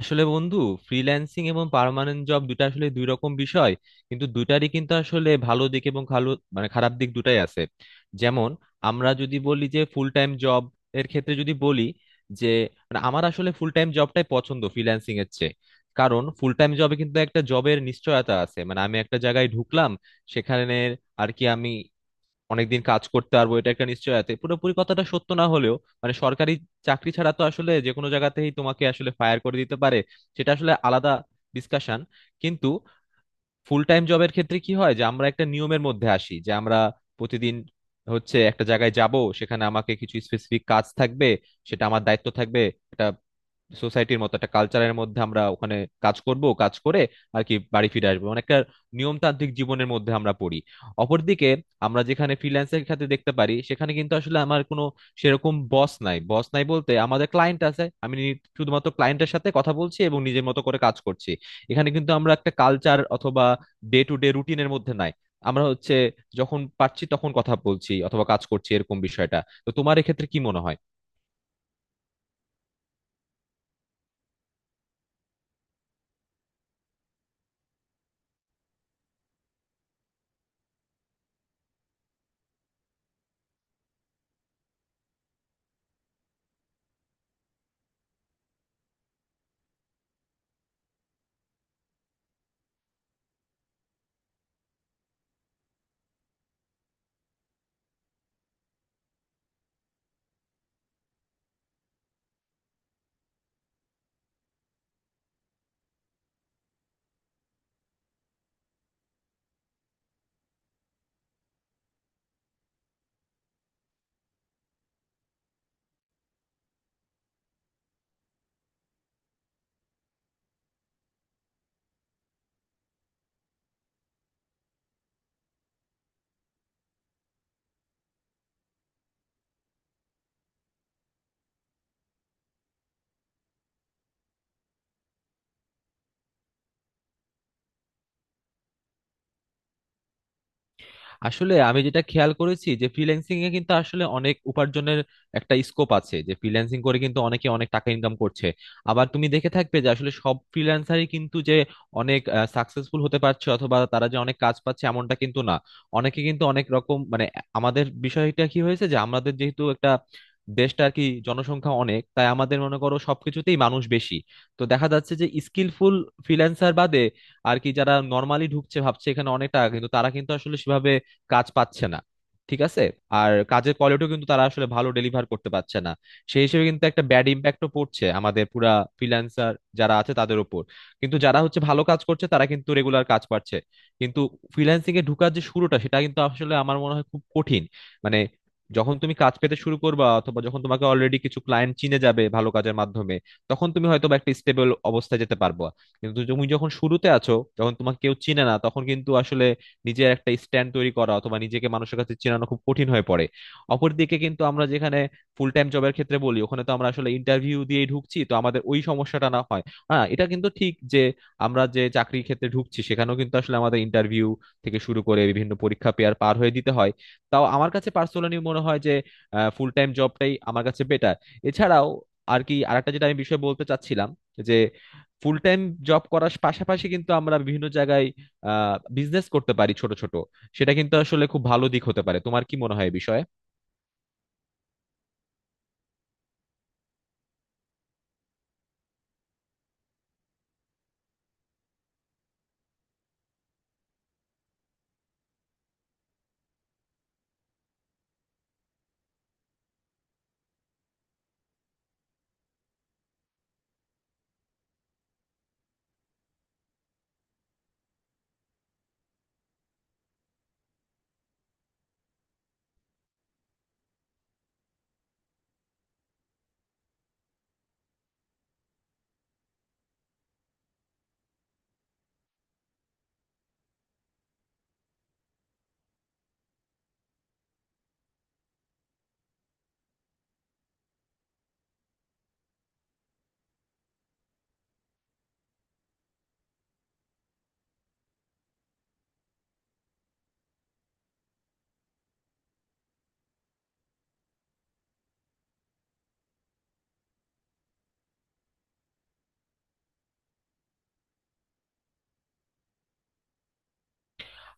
আসলে বন্ধু ফ্রিল্যান্সিং এবং পার্মানেন্ট জব দুটা আসলে দুই রকম বিষয়, কিন্তু দুটারই কিন্তু আসলে ভালো দিক এবং ভালো মানে খারাপ দিক দুটাই আছে। যেমন আমরা যদি বলি যে ফুল টাইম জব এর ক্ষেত্রে যদি বলি যে, মানে আমার আসলে ফুল টাইম জবটাই পছন্দ ফ্রিল্যান্সিং এর চেয়ে। কারণ ফুল টাইম জবে কিন্তু একটা জবের নিশ্চয়তা আছে, মানে আমি একটা জায়গায় ঢুকলাম সেখানে আর কি আমি অনেকদিন কাজ করতে পারবো, এটা একটা নিশ্চয়তা। পুরোপুরি কথাটা সত্য না হলেও, মানে সরকারি চাকরি ছাড়া তো আসলে যে কোনো জায়গাতেই তোমাকে আসলে ফায়ার করে দিতে পারে, সেটা আসলে আলাদা ডিসকাশন। কিন্তু ফুল টাইম জবের ক্ষেত্রে কি হয় যে আমরা একটা নিয়মের মধ্যে আসি, যে আমরা প্রতিদিন হচ্ছে একটা জায়গায় যাব, সেখানে আমাকে কিছু স্পেসিফিক কাজ থাকবে, সেটা আমার দায়িত্ব থাকবে, এটা সোসাইটির মতো একটা কালচারের মধ্যে আমরা ওখানে কাজ করব, কাজ করে আর কি বাড়ি ফিরে আসবো, মানে একটা নিয়মতান্ত্রিক জীবনের মধ্যে আমরা পড়ি। অপরদিকে আমরা যেখানে ফ্রিল্যান্সের খাতে দেখতে পারি সেখানে কিন্তু আসলে আমার কোনো সেরকম বস নাই, বস নাই বলতে আমাদের ক্লায়েন্ট আছে, আমি শুধুমাত্র ক্লায়েন্টের সাথে কথা বলছি এবং নিজের মতো করে কাজ করছি। এখানে কিন্তু আমরা একটা কালচার অথবা ডে টু ডে রুটিনের মধ্যে নাই, আমরা হচ্ছে যখন পারছি তখন কথা বলছি অথবা কাজ করছি এরকম বিষয়টা। তো তোমার এক্ষেত্রে কি মনে হয়? আসলে আমি যেটা খেয়াল করেছি যে ফ্রিল্যান্সিং এ কিন্তু আসলে অনেক উপার্জনের একটা স্কোপ আছে, যে ফ্রিল্যান্সিং করে কিন্তু অনেকে অনেক টাকা ইনকাম করছে। আবার তুমি দেখে থাকবে যে আসলে সব ফ্রিল্যান্সারই কিন্তু যে অনেক সাকসেসফুল হতে পারছে অথবা তারা যে অনেক কাজ পাচ্ছে এমনটা কিন্তু না। অনেকে কিন্তু অনেক রকম মানে আমাদের বিষয়টা কি হয়েছে যে আমাদের যেহেতু একটা দেশটা আর কি জনসংখ্যা অনেক, তাই আমাদের মনে করো সবকিছুতেই মানুষ বেশি। তো দেখা যাচ্ছে যে স্কিলফুল ফ্রিল্যান্সার বাদে আর কি যারা নর্মালি ঢুকছে ভাবছে এখানে অনেক টাকা, কিন্তু তারা কিন্তু আসলে সেভাবে কাজ পাচ্ছে না, ঠিক আছে। আর কাজের কোয়ালিটিও কিন্তু তারা আসলে ভালো ডেলিভার করতে পারছে না, সেই হিসেবে কিন্তু একটা ব্যাড ইম্প্যাক্টও পড়ছে আমাদের পুরা ফ্রিল্যান্সার যারা আছে তাদের উপর। কিন্তু যারা হচ্ছে ভালো কাজ করছে তারা কিন্তু রেগুলার কাজ পাচ্ছে। কিন্তু ফ্রিল্যান্সিং এ ঢুকার যে শুরুটা সেটা কিন্তু আসলে আমার মনে হয় খুব কঠিন। মানে যখন তুমি কাজ পেতে শুরু করবা অথবা যখন তোমাকে অলরেডি কিছু ক্লায়েন্ট চিনে যাবে ভালো কাজের মাধ্যমে, তখন তুমি হয়তো বা একটা স্টেবল অবস্থায় যেতে পারবা। কিন্তু তুমি যখন শুরুতে আছো, যখন তোমাকে কেউ চিনে না, তখন কিন্তু আসলে নিজের একটা স্ট্যান্ড তৈরি করা অথবা নিজেকে মানুষের কাছে চেনানো খুব কঠিন হয়ে পড়ে। অপরদিকে কিন্তু আমরা যেখানে ফুল টাইম জবের ক্ষেত্রে বলি, ওখানে তো আমরা আসলে ইন্টারভিউ দিয়ে ঢুকছি, তো আমাদের ওই সমস্যাটা না হয়। হ্যাঁ এটা কিন্তু ঠিক যে আমরা যে চাকরির ক্ষেত্রে ঢুকছি সেখানেও কিন্তু আসলে আমাদের ইন্টারভিউ থেকে শুরু করে বিভিন্ন পরীক্ষা পেয়ার পার হয়ে দিতে হয়। তাও আমার কাছে পার্সোনালি মনে হয় যে ফুল টাইম জবটাই আমার কাছে বেটার। এছাড়াও আর কি আরেকটা যেটা আমি বিষয় বলতে চাচ্ছিলাম, যে ফুল টাইম জব করার পাশাপাশি কিন্তু আমরা বিভিন্ন জায়গায় বিজনেস করতে পারি ছোট ছোট, সেটা কিন্তু আসলে খুব ভালো দিক হতে পারে। তোমার কি মনে হয় এই বিষয়ে?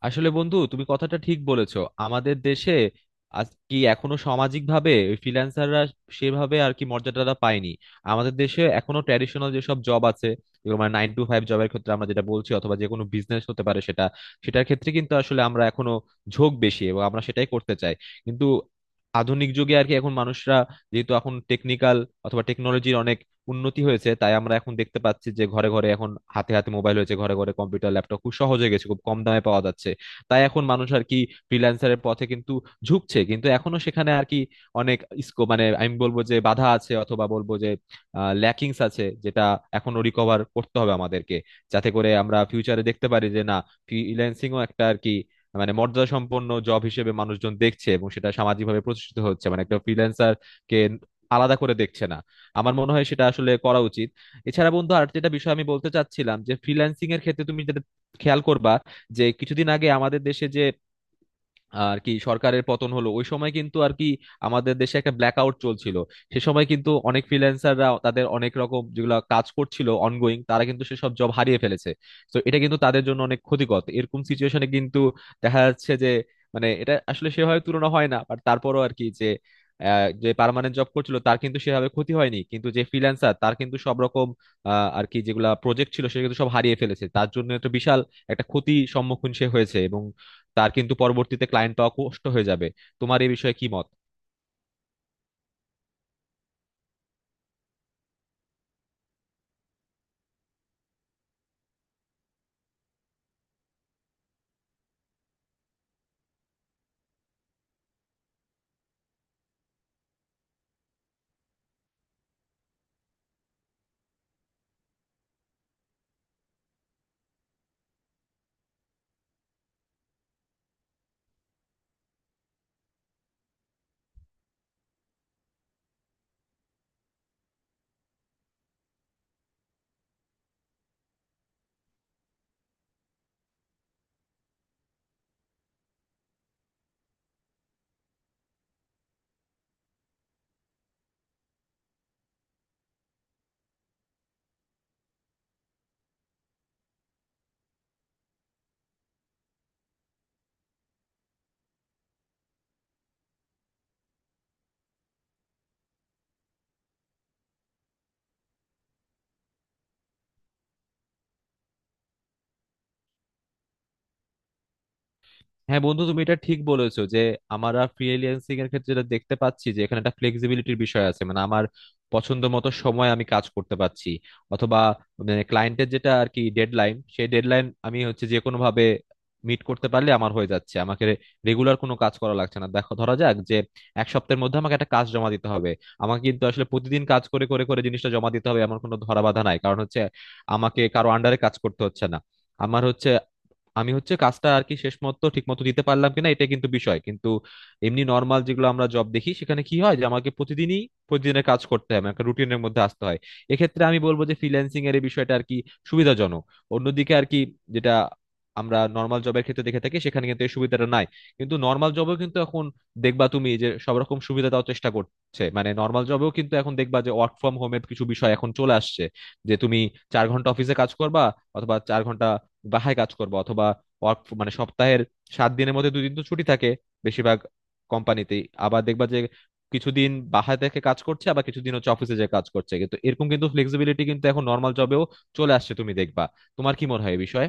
আসলে বন্ধু তুমি কথাটা ঠিক বলেছো, আমাদের দেশে আজ কি এখনো সামাজিক ভাবে ফ্রিল্যান্সাররা সেভাবে আর কি মর্যাদাটা পায়নি। আমাদের দেশে এখনো ট্র্যাডিশনাল যেসব জব আছে, যেগুলো মানে নাইন টু ফাইভ জবের ক্ষেত্রে আমরা যেটা বলছি অথবা যে কোনো বিজনেস হতে পারে সেটা, সেটার ক্ষেত্রে কিন্তু আসলে আমরা এখনো ঝোঁক বেশি এবং আমরা সেটাই করতে চাই। কিন্তু আধুনিক যুগে আর কি এখন মানুষরা, যেহেতু এখন টেকনিক্যাল অথবা টেকনোলজির অনেক উন্নতি হয়েছে, তাই আমরা এখন দেখতে পাচ্ছি যে ঘরে ঘরে এখন হাতে হাতে মোবাইল হয়েছে, ঘরে ঘরে কম্পিউটার ল্যাপটপ খুব সহজ হয়ে গেছে, খুব কম দামে পাওয়া যাচ্ছে। তাই এখন মানুষ আর কি ফ্রিল্যান্সারের পথে কিন্তু ঝুঁকছে, কিন্তু এখনো সেখানে আর কি অনেক স্কোপ মানে আমি বলবো যে বাধা আছে অথবা বলবো যে ল্যাকিংস আছে, যেটা এখনো রিকভার করতে হবে আমাদেরকে, যাতে করে আমরা ফিউচারে দেখতে পারি যে না, ফ্রিল্যান্সিংও একটা আর কি মানে মর্যাদা সম্পন্ন জব হিসেবে মানুষজন দেখছে এবং সেটা সামাজিকভাবে প্রতিষ্ঠিত হচ্ছে, মানে একটা ফ্রিল্যান্সার কে আলাদা করে দেখছে না। আমার মনে হয় সেটা আসলে করা উচিত। এছাড়া বন্ধু আর যেটা বিষয় আমি বলতে চাচ্ছিলাম, যে ফ্রিল্যান্সিং এর ক্ষেত্রে তুমি যেটা খেয়াল করবা, যে কিছুদিন আগে আমাদের দেশে যে আর কি সরকারের পতন হলো, ওই সময় কিন্তু আর কি আমাদের দেশে একটা ব্ল্যাক আউট চলছিল। সে সময় কিন্তু অনেক ফ্রিল্যান্সাররা তাদের অনেক রকম যেগুলো কাজ করছিল অনগোয়িং, তারা কিন্তু সেসব জব হারিয়ে ফেলেছে। তো এটা কিন্তু তাদের জন্য অনেক ক্ষতিকর। তো এরকম সিচুয়েশনে কিন্তু দেখা যাচ্ছে যে, মানে এটা আসলে সেভাবে তুলনা হয় না, বাট তারপরও আর কি যে যে পার্মানেন্ট জব করছিল তার কিন্তু সেভাবে ক্ষতি হয়নি, কিন্তু যে ফ্রিল্যান্সার তার কিন্তু সব রকম আর কি যেগুলা প্রজেক্ট ছিল সেগুলো কিন্তু সব হারিয়ে ফেলেছে, তার জন্য একটা বিশাল একটা ক্ষতি সম্মুখীন সে হয়েছে এবং তার কিন্তু পরবর্তীতে ক্লায়েন্ট পাওয়া কষ্ট হয়ে যাবে। তোমার এই বিষয়ে কি মত? হ্যাঁ বন্ধু তুমি এটা ঠিক বলেছো যে আমরা ফ্রিল্যান্সিং এর ক্ষেত্রে যেটা দেখতে পাচ্ছি যে এখানে একটা ফ্লেক্সিবিলিটির বিষয় আছে, মানে আমার পছন্দ মতো সময় আমি কাজ করতে পারছি অথবা ক্লায়েন্টের যেটা আর কি ডেডলাইন, সেই ডেডলাইন আমি হচ্ছে যে কোনো ভাবে মিট করতে পারলে আমার হয়ে যাচ্ছে, আমাকে রেগুলার কোনো কাজ করা লাগছে না। দেখো ধরা যাক যে এক সপ্তাহের মধ্যে আমাকে একটা কাজ জমা দিতে হবে, আমাকে কিন্তু আসলে প্রতিদিন কাজ করে করে করে জিনিসটা জমা দিতে হবে আমার কোনো ধরা বাধা নাই, কারণ হচ্ছে আমাকে কারো আন্ডারে কাজ করতে হচ্ছে না। আমার হচ্ছে আমি হচ্ছে কাজটা আর কি শেষ মতো ঠিক মতো দিতে পারলাম কিনা এটা কিন্তু বিষয়, কিন্তু এমনি নর্মাল যেগুলো আমরা জব দেখি সেখানে কি হয় যে আমাকে প্রতিদিনই প্রতিদিনের কাজ করতে হয়, আমাকে রুটিনের মধ্যে আসতে হয়। এক্ষেত্রে আমি বলবো যে ফ্রিল্যান্সিং এর এই বিষয়টা আর কি সুবিধাজনক। অন্যদিকে আর কি যেটা আমরা নর্মাল জবের ক্ষেত্রে দেখে থাকি সেখানে কিন্তু এই সুবিধাটা নাই, কিন্তু নর্মাল জবেও কিন্তু এখন দেখবা তুমি যে সব রকম সুবিধা দেওয়ার চেষ্টা করছে, মানে নর্মাল জবেও কিন্তু এখন দেখবা যে ওয়ার্ক ফ্রম হোমের কিছু বিষয় এখন চলে আসছে, যে তুমি চার ঘন্টা অফিসে কাজ করবা অথবা চার ঘন্টা বাসায় কাজ করবা অথবা ওয়ার্ক মানে সপ্তাহের সাত দিনের মধ্যে দুদিন তো ছুটি থাকে বেশিরভাগ কোম্পানিতেই। আবার দেখবা যে কিছুদিন বাসায় থেকে কাজ করছে আবার কিছুদিন হচ্ছে অফিসে যে কাজ করছে, কিন্তু এরকম কিন্তু ফ্লেক্সিবিলিটি কিন্তু এখন নর্মাল জবেও চলে আসছে তুমি দেখবা। তোমার কি মনে হয় এই বিষয়ে?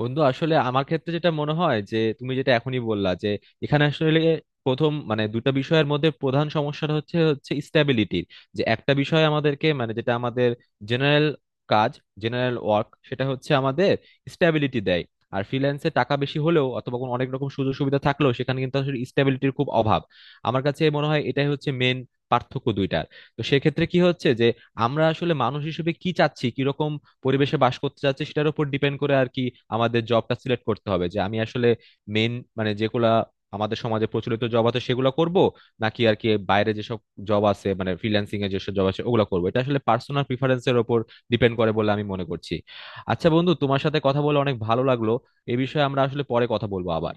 বন্ধু আসলে আমার ক্ষেত্রে যেটা মনে হয় যে তুমি যেটা এখনই বললা যে এখানে আসলে প্রথম মানে দুটো বিষয়ের মধ্যে প্রধান সমস্যাটা হচ্ছে হচ্ছে স্ট্যাবিলিটির, যে একটা বিষয় আমাদেরকে মানে যেটা আমাদের জেনারেল কাজ, জেনারেল ওয়ার্ক, সেটা হচ্ছে আমাদের স্ট্যাবিলিটি দেয়। আর ফ্রিল্যান্সে টাকা বেশি হলেও অথবা কোনো অনেক রকম সুযোগ সুবিধা থাকলেও সেখানে কিন্তু আসলে স্ট্যাবিলিটির খুব অভাব। আমার কাছে মনে হয় এটাই হচ্ছে মেন পার্থক্য দুইটার। তো সেক্ষেত্রে কি হচ্ছে যে আমরা আসলে মানুষ হিসেবে কি চাচ্ছি, কিরকম পরিবেশে বাস করতে চাচ্ছি সেটার উপর ডিপেন্ড করে আর কি আমাদের জবটা সিলেক্ট করতে হবে, যে আমি আসলে মেন মানে যেগুলা আমাদের সমাজে প্রচলিত জব আছে সেগুলো করব নাকি আর কি বাইরে যেসব জব আছে মানে ফ্রিল্যান্সিং এর যেসব জব আছে ওগুলো করবো, এটা আসলে পার্সোনাল প্রিফারেন্সের উপর ডিপেন্ড করে বলে আমি মনে করছি। আচ্ছা বন্ধু তোমার সাথে কথা বলে অনেক ভালো লাগলো, এ বিষয়ে আমরা আসলে পরে কথা বলবো আবার।